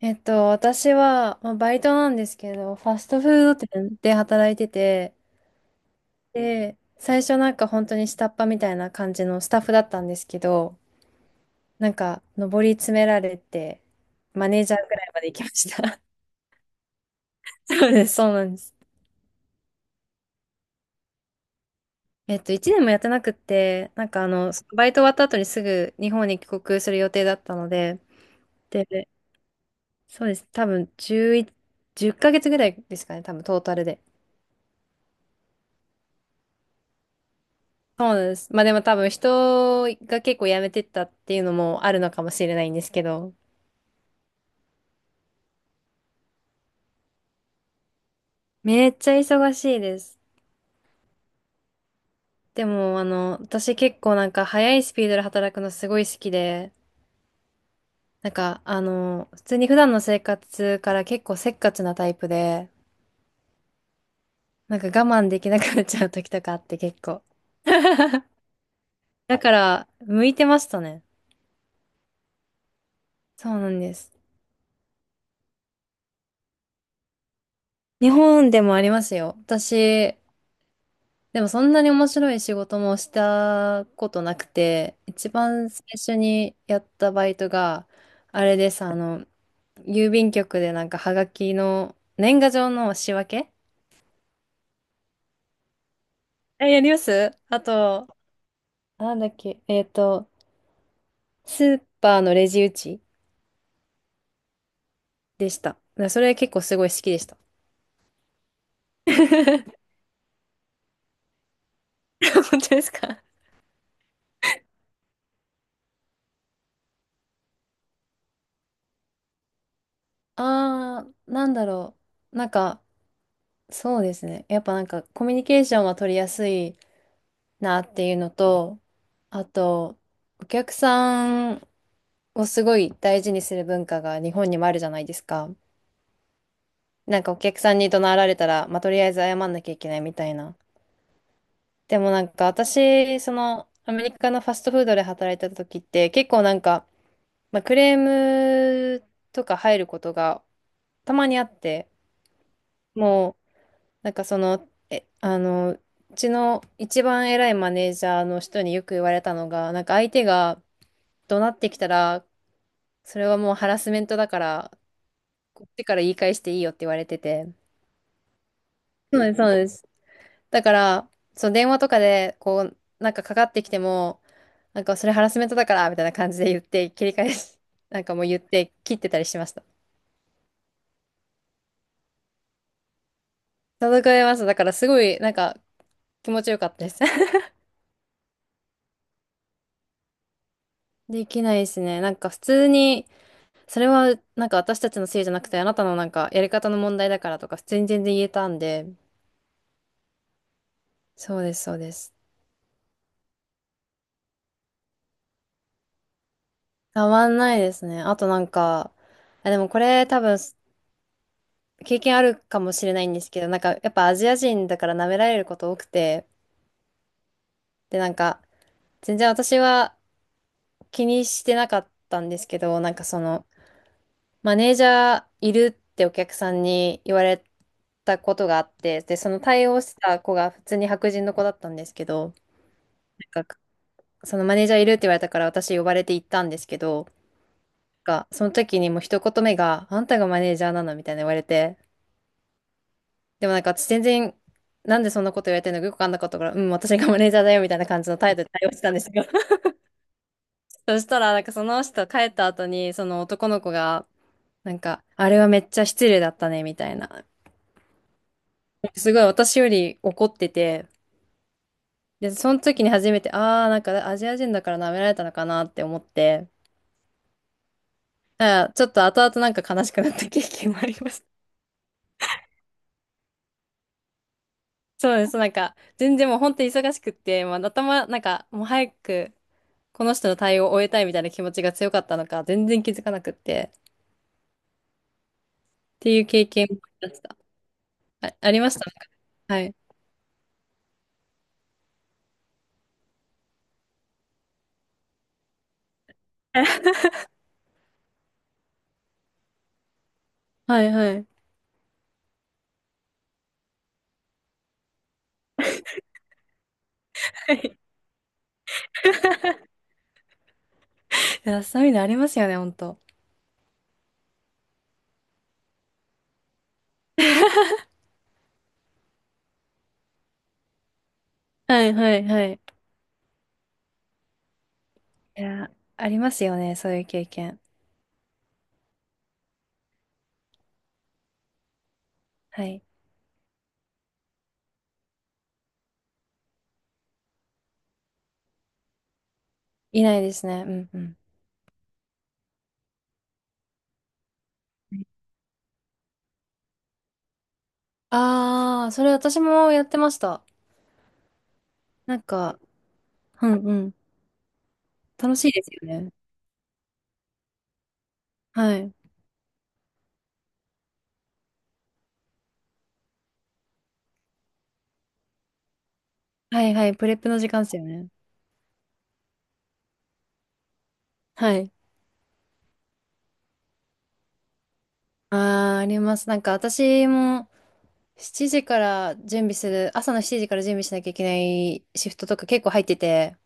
私は、まあ、バイトなんですけど、ファストフード店で働いてて、で、最初なんか本当に下っ端みたいな感じのスタッフだったんですけど、なんか上り詰められて、マネージャーくらいまで行きました。そうです、そうなんです。1年もやってなくって、なんかそのバイト終わった後にすぐ日本に帰国する予定だったので、で、そうです、多分11、10ヶ月ぐらいですかね、多分トータルで。そうなんです。まあでも多分人が結構辞めてったっていうのもあるのかもしれないんですけど、めっちゃ忙しいです。でも私結構なんか早いスピードで働くのすごい好きで、なんか普通に普段の生活から結構せっかちなタイプで、なんか我慢できなくなっちゃう時とかあって結構。だから、向いてましたね。そうなんです。日本でもありますよ。私、でもそんなに面白い仕事もしたことなくて、一番最初にやったバイトが、あれです、郵便局でなんかはがきの年賀状の仕分け。え、やります。あと、なんだっけ、スーパーのレジ打ちでした。だからそれ結構すごい好きでした。本当ですか？あー、なんだろう。なんか、そうですね。やっぱなんかコミュニケーションは取りやすいなっていうのと、あと、お客さんをすごい大事にする文化が日本にもあるじゃないですか。なんかお客さんに怒鳴られたら、まあ、とりあえず謝んなきゃいけないみたいな。でもなんか私、そのアメリカのファストフードで働いてた時って結構なんか、まあ、クレームとか入ることがたまにあって、もうなんかその、うちの一番偉いマネージャーの人によく言われたのが、なんか相手が、怒鳴ってきたら、それはもうハラスメントだから、こっちから言い返していいよって言われてて。そうです、そうです。だから、その電話とかで、こう、なんかかかってきても、なんかそれハラスメントだから、みたいな感じで言って、切り返し、なんかもう言って切ってたりしました。届かれました。だからすごい、なんか気持ちよかったです。できないですね。なんか普通に、それはなんか私たちのせいじゃなくて、あなたのなんかやり方の問題だからとか、普通に全然言えたんで、そうです、そうです。たまんないですね。あとなんか、あ、でもこれ多分経験あるかもしれないんですけど、なんかやっぱアジア人だから舐められること多くて、でなんか全然私は気にしてなかったんですけど、なんかそのマネージャーいるってお客さんに言われたことがあって、でその対応した子が普通に白人の子だったんですけど、なんかそのマネージャーいるって言われたから私呼ばれて行ったんですけど、が、その時にもう一言目が、あんたがマネージャーなのみたいな言われて、でもなんか私全然、なんでそんなこと言われてるのかよくわかんなかったから、うん、私がマネージャーだよみたいな感じの態度で対応してたんですよ。そしたら、なんかその人帰った後に、その男の子が、なんか、あれはめっちゃ失礼だったね、みたいな。すごい私より怒ってて、で、その時に初めて、ああ、なんかアジア人だから舐められたのかなって思って、だからちょっと後々なんか悲しくなった経験もありました。そうです。なんか、全然もう本当に忙しくって、まあ、頭、なんか、もう早く、この人の対応を終えたいみたいな気持ちが強かったのか、全然気づかなくって、っていう経験を思い出した。あ、ありました。はい。はいはい。はい。 いや、そういうのありますよね、ほんと。はいはいはい。いや、ありますよね、そういう経験。はい。いないですね。うんうん。ああ、それ私もやってました。なんか、うんうん。楽しいですよね。はい。はいはい。プレップの時間ですよね。はい。ああ、あります。なんか私も、7時から準備する、朝の7時から準備しなきゃいけないシフトとか結構入ってて、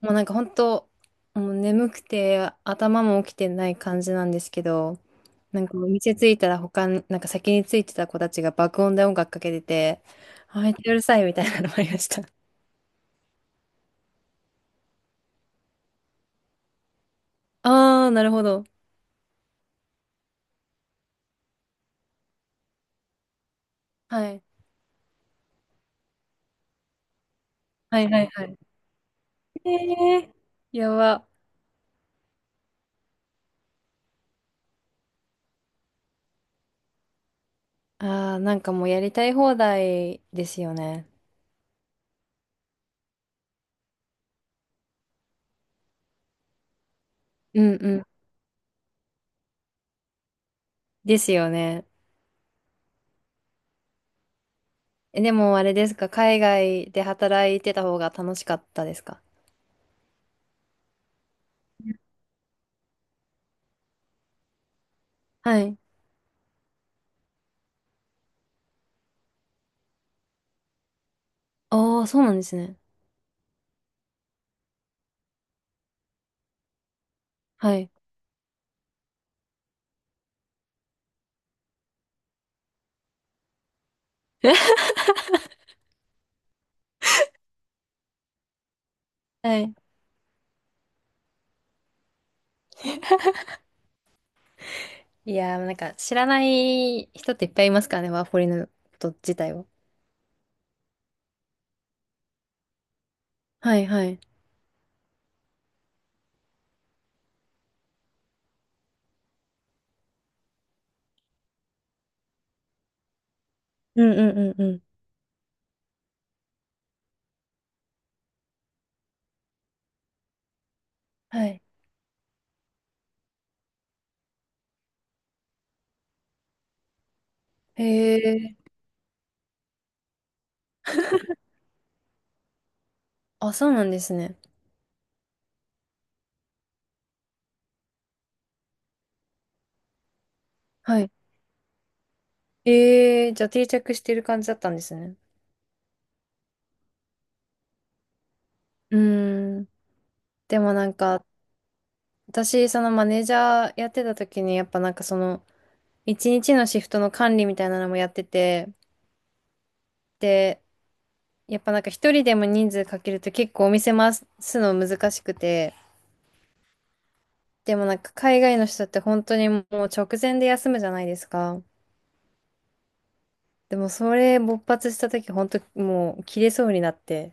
もうなんか本当、もう眠くて頭も起きてない感じなんですけど、なんかお店着いたら他に、なんか先に着いてた子たちが爆音で音楽かけてて、あ、めっちゃうるさいみたいなのもありました。あー、なるほど。はい。はいはいはい。えー、やば。あー、なんかもうやりたい放題ですよね。うんうん。ですよね。え、でもあれですか、海外で働いてた方が楽しかったですか？はい。ああ、そうなんですね。はい。はい。いやー、なんか知らない人っていっぱいいますからね、ワーホリのこと自体を。はいはい。うんうんうんうん。はい。へえ。あ、そうなんですね。はい。ええ、じゃあ定着してる感じだったんですね。うーん。でもなんか、私、そのマネージャーやってた時に、やっぱなんかその、一日のシフトの管理みたいなのもやってて、で、やっぱなんか一人でも人数かけると結構お店回すの難しくて、でもなんか海外の人って本当にもう直前で休むじゃないですか。でもそれ勃発した時本当もう切れそうになって、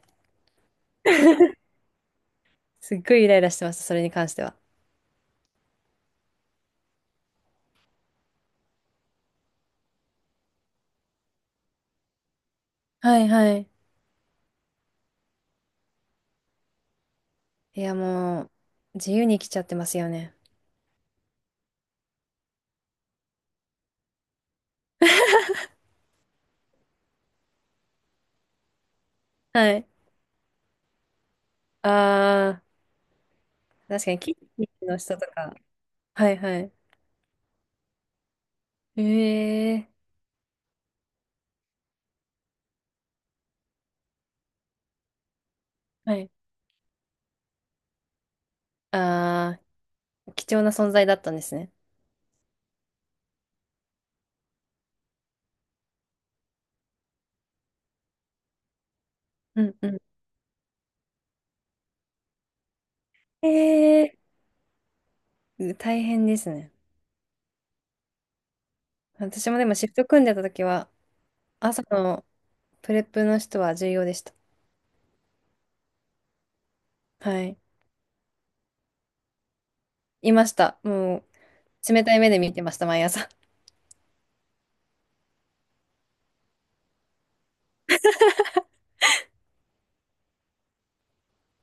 すっごいイライラしてました、それに関しては。はいはい。いやもう、自由に来ちゃってますよね。はい。ああ、確かに、キッチンの人とか、はいはい。ええ、はい。ああー、貴重な存在だったんですね。うんうん。え、うん、大変ですね。私もでもシフト組んでた時は、朝のプレップの人は重要でした。はい。いました。もう、冷たい目で見てました、毎朝。